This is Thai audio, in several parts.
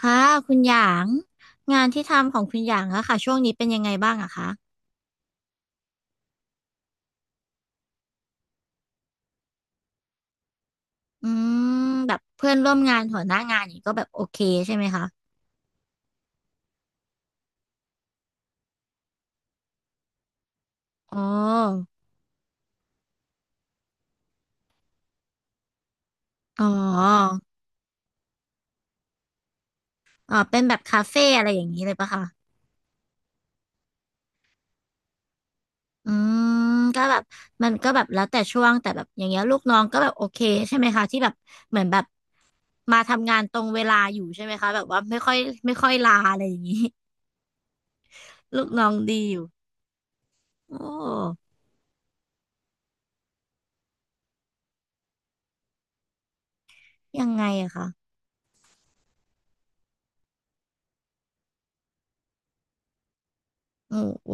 ค่ะคุณหยางงานที่ทำของคุณหยางอะค่ะช่วงนี้เป็นยังไงบ้างอะคะอืมแบบเพื่อนร่วมงานหัวหน้างานอย่างนี้ก็แบบโอเคใช่ไหมคะอ๋ออ๋ออ๋อเป็นแบบคาเฟ่อะไรอย่างนี้เลยปะคะอืมก็แบบมันก็แบบแล้วแต่ช่วงแต่แบบอย่างเงี้ยลูกน้องก็แบบโอเคใช่ไหมคะที่แบบเหมือนแบบมาทำงานตรงเวลาอยู่ใช่ไหมคะแบบว่าไม่ค่อยลาอะไรอย่างนี้ ลูกน้องดีอยู่โอ้ยังไงอะคะโอ้โห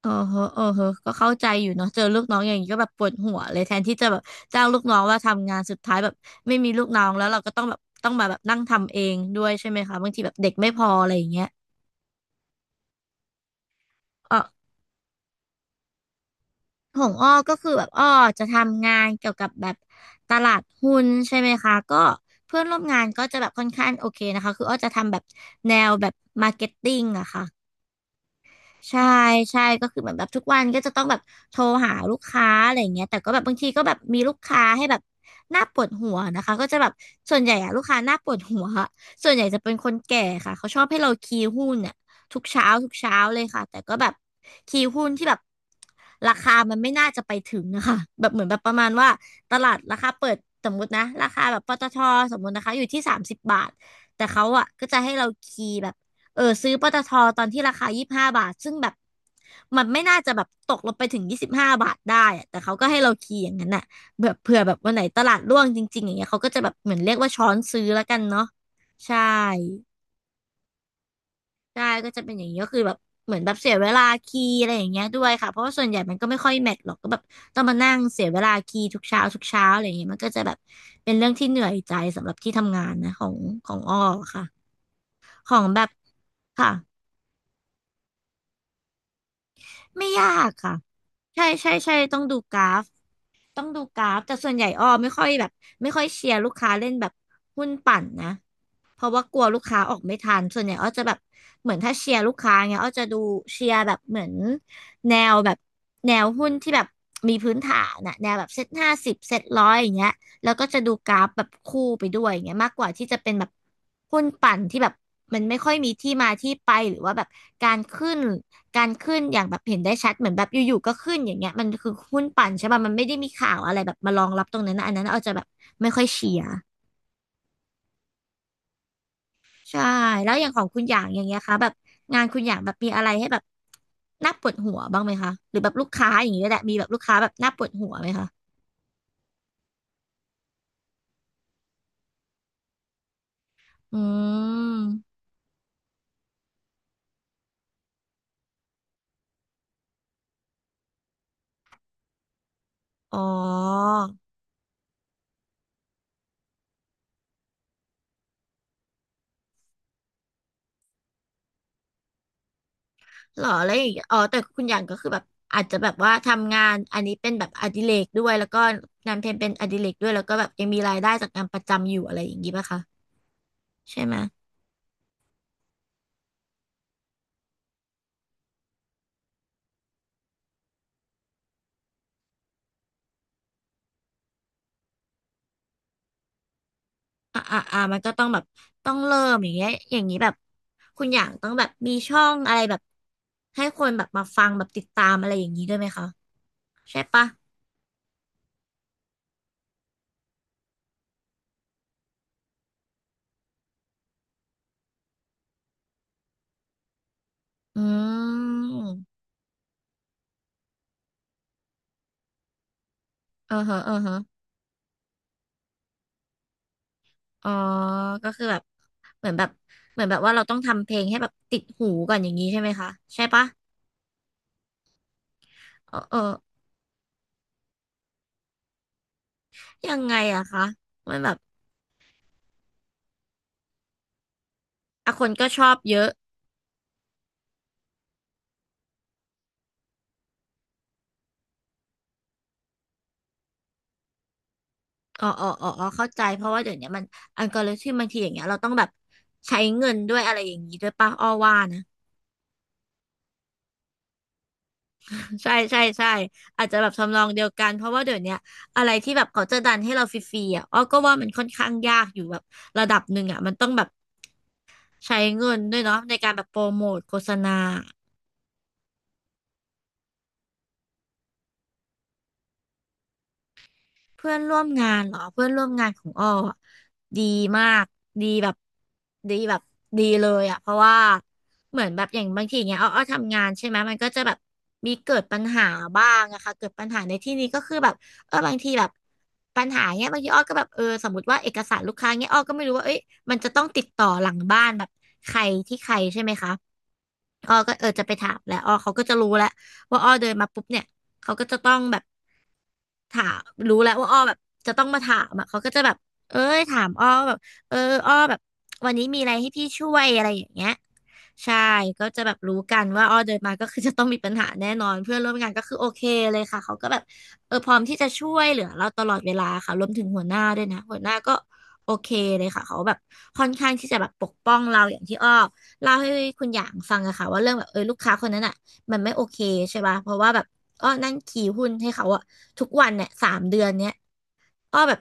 เออเฮอเออเฮอก็เข้าใจอยู่เนาะเจอลูกน้องอย่างนี้ก็แบบปวดหัวเลยแทนที่จะแบบจ้างลูกน้องว่าทำงานสุดท้ายแบบไม่มีลูกน้องแล้วเราก็ต้องแบบต้องมาแบบนั่งทำเองด้วยใช่ไหมคะบางทีแบบเด็กไม่พออะไรอย่างเงี้ยเออของอ้อก็คือแบบอ้อจะทำงานเกี่ยวกับแบบตลาดหุ้นใช่ไหมคะก็เพื่อนร่วมงานก็จะแบบค่อนข้างโอเคนะคะคืออ้อจะทำแบบแนวแบบมาร์เก็ตติ้งอะค่ะ ใช่ใช่ก็คือเหมือนแบบทุกวันก็จะต้องแบบโทรหาลูกค้าอะไรอย่างเงี้ยแต่ก็แบบบางทีก็แบบมีลูกค้าให้แบบน่าปวดหัวนะคะก็จะแบบส่วนใหญ่อะลูกค้าน่าปวดหัวอะส่วนใหญ่จะเป็นคนแก่ค่ะเขาชอบให้เราคีย์หุ้นเนี่ยทุกเช้าทุกเช้าเลยค่ะแต่ก็แบบคีย์หุ้นที่แบบราคามันไม่น่าจะไปถึงนะคะแบบเหมือนแบบประมาณว่าตลาดราคาเปิดสมมตินะราคาแบบปตทสมมตินะคะอยู่ที่30 บาทแต่เขาอะก็จะให้เราคีย์แบบ เออซื้อปตทตอนที่ราคายี่สิบห้าบาทซึ่งแบบมันไม่น่าจะแบบตกลงไปถึงยี่สิบห้าบาทได้อะแต่เขาก็ให้เราคีย์อย่างนั้นน่ะแบบเผื่อแบบวันไหนตลาดร่วงจริงๆอย่างเงี้ยเขาก็จะแบบเหมือนเรียกว่าช้อนซื้อแล้วกันเนาะใช่ใช่ก็จะเป็นอย่างนี้ก็คือแบบเหมือนแบบเสียเวลาคีย์อะไรอย่างเงี้ยด้วยค่ะเพราะว่าส่วนใหญ่มันก็ไม่ค่อยแมทหรอกก็แบบต้องมานั่งเสียเวลาคีย์ทุกเช้าทุกเช้าอะไรอย่างเงี้ยมันก็จะแบบเป็นเรื่องที่เหนื่อยใจสำหรับที่ทำงานนะของอ้อค่ะของแบบค่ะไม่ยากค่ะ ใช่ใช่ใช่ต้องดูกราฟต้องดูกราฟแต่ส่วนใหญ่อ้อไม่ค่อยแบบไม่ค่อยเชียร์ลูกค้าเล่นแบบหุ้นปั่นนะเพราะว่ากลัวลูกค้าออกไม่ทันส่วนใหญ่อ้อจะแบบเหมือนถ้าเชียร์ลูกค้าเงี้ยอ้อจะดูเชียร์แบบเหมือนแนวแบบแนวหุ้นที่แบบมีพื้นฐานนะแนวแบบSET50SET100อย่างเงี้ย แล้วก็จะดูกราฟแบบคู่ไปด้วยอย่างเงี้ยมากกว่าที่จะเป็นแบบหุ้นปั่นที่แบบมันไม่ค่อยมีที่มาที่ไปหรือว่าแบบการขึ้นการขึ้นอย่างแบบเห็นได้ชัดเหมือนแบบอยู่ๆก็ขึ้นอย่างเงี้ยมันคือหุ้นปั่นใช่ป่ะมันไม่ได้มีข่าวอะไรแบบมารองรับตรงนั้นนะอันนั้นเอาจจะแบบไม่ค่อยเชียร์ใช่แล้วอย่างของคุณอย่างอย่างเงี้ยคะแบบงานคุณอย่างแบบมีอะไรให้แบบน่าปวดหัวบ้างไหมคะหรือแบบลูกค้าอย่างเงี้ยแหละมีแบบลูกค้าแบบน่าปวดหัวไหมคะอืมอ๋อ หรอแล้วอย่างเงี้ยอ๋อแต่คุณหยางก็คือแบบอาจจะแบบว่าทำงานอันนี้เป็นแบบอดิเรกด้วยแล้วก็งานเพลงเป็นอดิเรกด้วยแล้วก็แบบยังมีรายได้จากงานประจำอยู่อะไรอย่างงี้ป่ะคะใช่ไหมอ่าอ่าอ่ามันก็ต้องแบบต้องเริ่มอย่างเงี้ยอย่างนี้แบบคุณหยางต้องแบบมีช่องอะไรแบบให้คนแบบมาฟังแบบติดตามอะไรอย่างนี้ด้วยไหมคะใช่ปะอืมเออฮะเออฮะอ๋อก็คือแบบเหมือนแบบเหมือนแบบว่าเราต้องทำเพลงให้แบบติดหูก่อนอย่างนี้ใช่ไหมคะใช่ปะเออเออ ยังไงอะคะมันแบบอ่ะคนก็ชอบเยอะอ๋ออ๋ออ๋ออ๋อเข้าใจเพราะว่าเดี๋ยวนี้มันอัลกอริทึมบางทีอย่างเงี้ยเราต้องแบบใช้เงินด้วยอะไรอย่างนี้ด้วยป่ะอ้อว่านะ ใช่ใช่ใช่อาจจะแบบทำนองเดียวกันเพราะว่าเดี๋ยวนี้อะไรที่แบบเขาจะดันให้เราฟรีๆอะอ้อก็ว่ามันค่อนข้างยากอยู่แบบระดับหนึ่งอะมันต้องแบบใช้เงินด้วยเนาะในการแบบโปรโมทโฆษณา เพื่อนร่วมงานเหรอเพื่อนร่วมงานของอ้ออะดีมากดีแบบดีแบบดีเลยอ่ะเพราะว่าเหมือนแบบอย่างบางทีเนี้ยอ้อทำงานใช่ไหมมันก็จะแบบมีเกิดปัญหาบ้างอะค่ะเกิดปัญหาในที่นี้ก็คือแบบบางทีแบบปัญหาเนี้ยบางทีอ้อก็แบบสมมติว่าเอกสารลูกค้าเนี้ยอ้อก็ไม่รู้ว่าเอ้ยมันจะต้องติดต่อหลังบ้านแบบใครที่ใครใช่ไหมคะอ้อก็จะไปถามแหล้วอ้อเขาก็จะรู้แล้วว่าอ้อเดินมาปุ๊บเนี่ยเขาก็จะต้องแบบ ถามรู้แล้วว่าอ้อแบบจะต้องมาถามอ่ะเขาก็จะแบบเอ้ยถามอ้อแบบเอออ้อแบบวันนี้มีอะไรให้พี่ช่วยอะไรอย่างเงี้ยใช่ก็จะแบบรู้กันว่าอ้อเดินมาก็คือจะต้องมีปัญหาแน่นอนเพื่อนร่วมงานก็คือโอเคเลยค่ะเขาก็แบบพร้อมที่จะช่วยเหลือเราตลอดเวลาค่ะรวมถึงหัวหน้าด้วยนะหัวหน้าก็โอเคเลยค่ะเขาแบบค่อนข้างที่จะแบบปกป้องเราอย่างที่อ้อเล่าให้คุณหยางฟังอะค่ะว่าเรื่องแบบลูกค้าคนนั้นอะมันไม่โอเคใช่ป่ะเพราะว่าแบบอ้อนั่งขี่หุ้นให้เขาอะ ทุกวันเนี่ย3 เดือนเนี้ยอ้อแบบ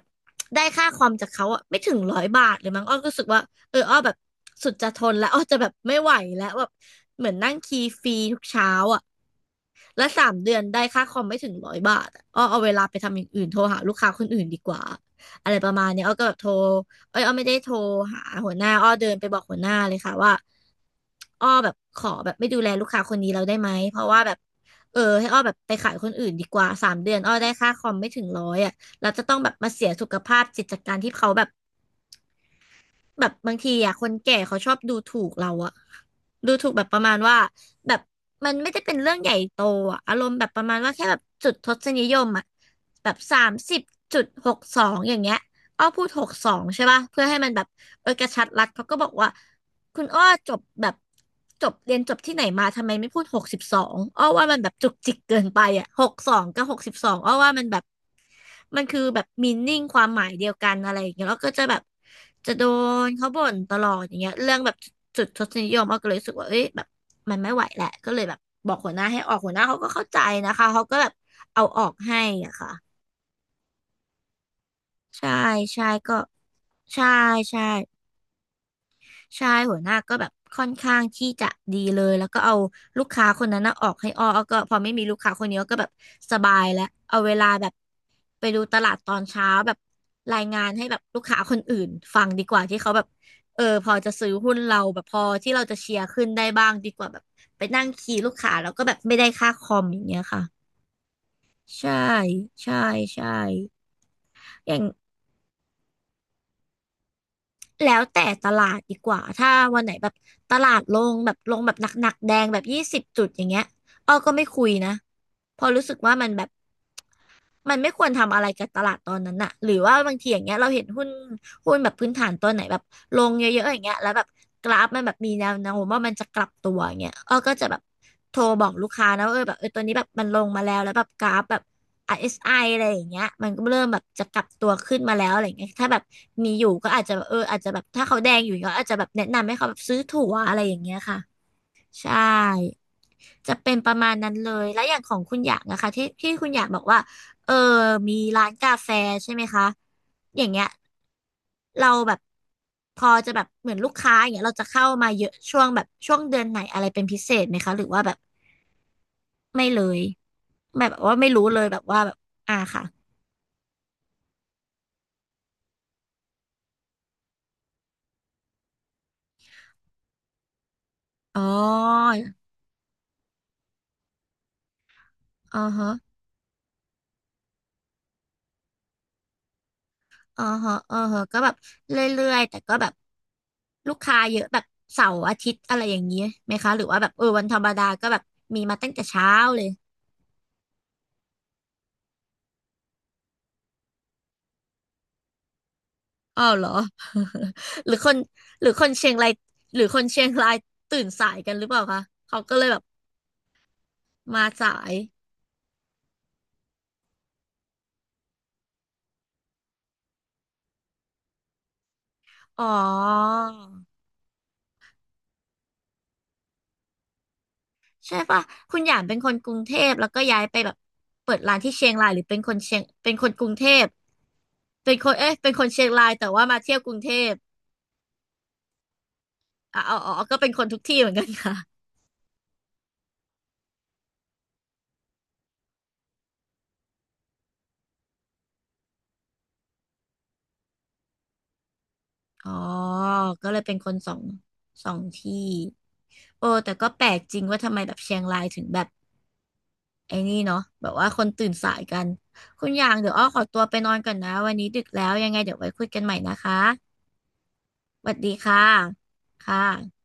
ได้ค่าคอมจากเขาอะไม่ถึงร้อยบาทเลยมั้งอ้อก็รู้สึกว่าอ้อแบบสุดจะทนแล้วอ้อจะแบบไม่ไหวแล้วแบบเหมือนนั่งคีย์ฟรีทุกเช้าอะ และ3 เดือนได้ค่าคอมไม่ถึงร้อยบาทอะอ้อเอาเวลาไปทำอย่างอื่นโทรหาลูกค้าคนอื่นดีกว่าอะไรประมาณเนี้ยอ้อก็แบบโทรเอ้ยอ้อไม่ได้โทรหาหัวหน้าอ้อเดินไปบอกหัวหน้าเลยค่ะว่าอ้อแบบขอแบบไม่ดูแลลูกค้าคนนี้เราได้ไหมเพราะว่าแบบให้อ้อแบบไปขายคนอื่นดีกว่าสามเดือนอ้อได้ค่าคอมไม่ถึงร้อยอ่ะเราจะต้องแบบมาเสียสุขภาพจิตจากการที่เขาแบบ แบบบางทีอ่ะคนแก่เขาชอบดูถูกเราอะดูถูกแบบประมาณว่าแบบมันไม่ได้เป็นเรื่องใหญ่โตอะอารมณ์แบบประมาณว่าแค่แบบจุดทศนิยมอะแบบ30จุดหกสองอย่างเงี้ยอ้อพูดหกสองใช่ป่ะเพื่อให้มันแบบกระชัดรัดเขาก็บอกว่าคุณอ้อจบแบบจบเรียนจบที่ไหนมาทำไมไม่พูดหกสิบสองอ้อว่ามันแบบจุกจิกเกินไปอะหกสองกับหกสิบสองอ้อว่ามันแบบ มันคือแบบมีนิ่งความหมายเดียวกันอะไรอย่างเงี้ยแล้วก็จะแบบจะโดนเขาบ่นตลอดอย่างเงี้ยเรื่องแบบจุดทศนิยมอ้อก็เลยรู้สึกว่าเอ้ยแบบมันไม่ไหวแหละก็เลยแบบบอกหัวหน้าให้ออกหัวหน้าเขาก็เข้าใจนะคะเขาก็แบบเอาออกให้อ่ะค่ะใช่ใช่ก็ใช่ใช่ใช่หัวหน้าก็แบบค่อนข้างที่จะดีเลยแล้วก็เอาลูกค้าคนนั้นน่ะออกให้อ้ออ้อก็พอไม่มีลูกค้าคนนี้อ้อก็แบบสบายแล้วเอาเวลาแบบ ไปดูตลาดตอนเช้าแบบรายงานให้แบบลูกค้าคนอื่นฟังดีกว่าที่เขาแบบพอจะซื้อหุ้นเราแบบพอที่เราจะเชียร์ขึ้นได้บ้างดีกว่าแบบไปนั่งคีย์ลูกค้าแล้วก็แบบไม่ได้ค่าคอมอย่างเงี้ยค่ะใช่ใช่ใช่อย่างแล้วแต่ตลาดดีกว่าถ้าวันไหนแบบตลาดลงแบบลงแบบหนักๆแดงแบบ20จุดอย่างเงี้ยอ้อก็ไม่คุยนะเพอราะรู้สึกว่ามันแบบ มันไม่ควรทำอะไรกับตลาดตอนนั้นน่ะหรือว่าบางทีอย่างเงี้ยเราเห็นหุ้นแบบพื้นฐานตัวไหนแบบลงเยอะๆอย่างเงี้ยแล้วแบบกราฟมันแบบมีแนวโน้มว่ามันจะกลับตัวอย่างเงี้ยอ้อก็จะแบบโทรบอกลูกค้านะว่าแบบตัวนี้แบบมันลงมาแล้วแล้วแบบกราฟแบบ RSI อสไออะไรอย่างเงี้ยมันก็เริ่มแบบจะกลับตัวขึ้นมาแล้วอะไรอย่างเงี้ยถ้าแบบมีอยู่ก็อาจจะแบบอาจจะแบบถ้าเขาแดงอยู่ก็อาจจะแบบแนะนำให้เขาแบบซื้อถั่วอะไรอย่างเงี้ยค่ะใช่ จะเป็นประมาณนั้นเลยแล้วอย่างของคุณอยากนะคะที่ที่คุณอยากบอกว่าเออมีร้านกาแฟใช่ไหมคะอย่างเงี้ยเราแบบพอจะแบบเหมือนลูกค้าอย่างเงี้ยเราจะเข้ามาเยอะช่วงแบบช่วงเดือนไหนอะไรเป็นพิเศษไหมคะหรือว่าแบบไม่เลยแบบว่าไม่รู้เลยแบบว่าแบบอ่าค่ะอ๋ออ๋อฮะ อ๋อฮะอ๋อฮะก็แบบเรื่อยๆแต่ก็แบบลูกค้าเยอะแบบเสาร์อาทิตย์อะไรอย่างนี้ไหมคะหรือว่าแบบวันธรรมดาก็แบบมีมาตั้งแต่เช้าเลยอ้าวเหรอ หรือคนหรือคนเชียงรายหรือคนเชียงรายตื่นสายกันหรือเปล่าคะเขาก็เลยแบบมาสายอ๋อใช่ปะคุณหยางเป็นคนกรุงเทพแล้วก็ย้ายไปแบบเปิดร้านที่เชียงรายหรือเป็นคนเชียงเป็นคนกรุงเทพเป็นคนเอ๊ะเป็นคนเชียงรายแต่ว่ามาเที่ยวกรุงเทพ อ๋ออ๋อก็เป็นคนทุกที่เหมือนกันค่ะ อ๋อ ก็เลยเป็นคนสองที่ โอ้แต่ก็แปลกจริงว่าทำไมแบบเชียงรายถึงแบบไอ้นี่เนาะแบบว่าคนตื่นสายกัน คุณอย่างเดี๋ยวอ้อขอตัวไปนอนก่อนนะวันนี้ดึกแล้วยังไงเดี๋ยวไว้คุยกันใหม่นะคะสวัสดีค่ะ ค่ะ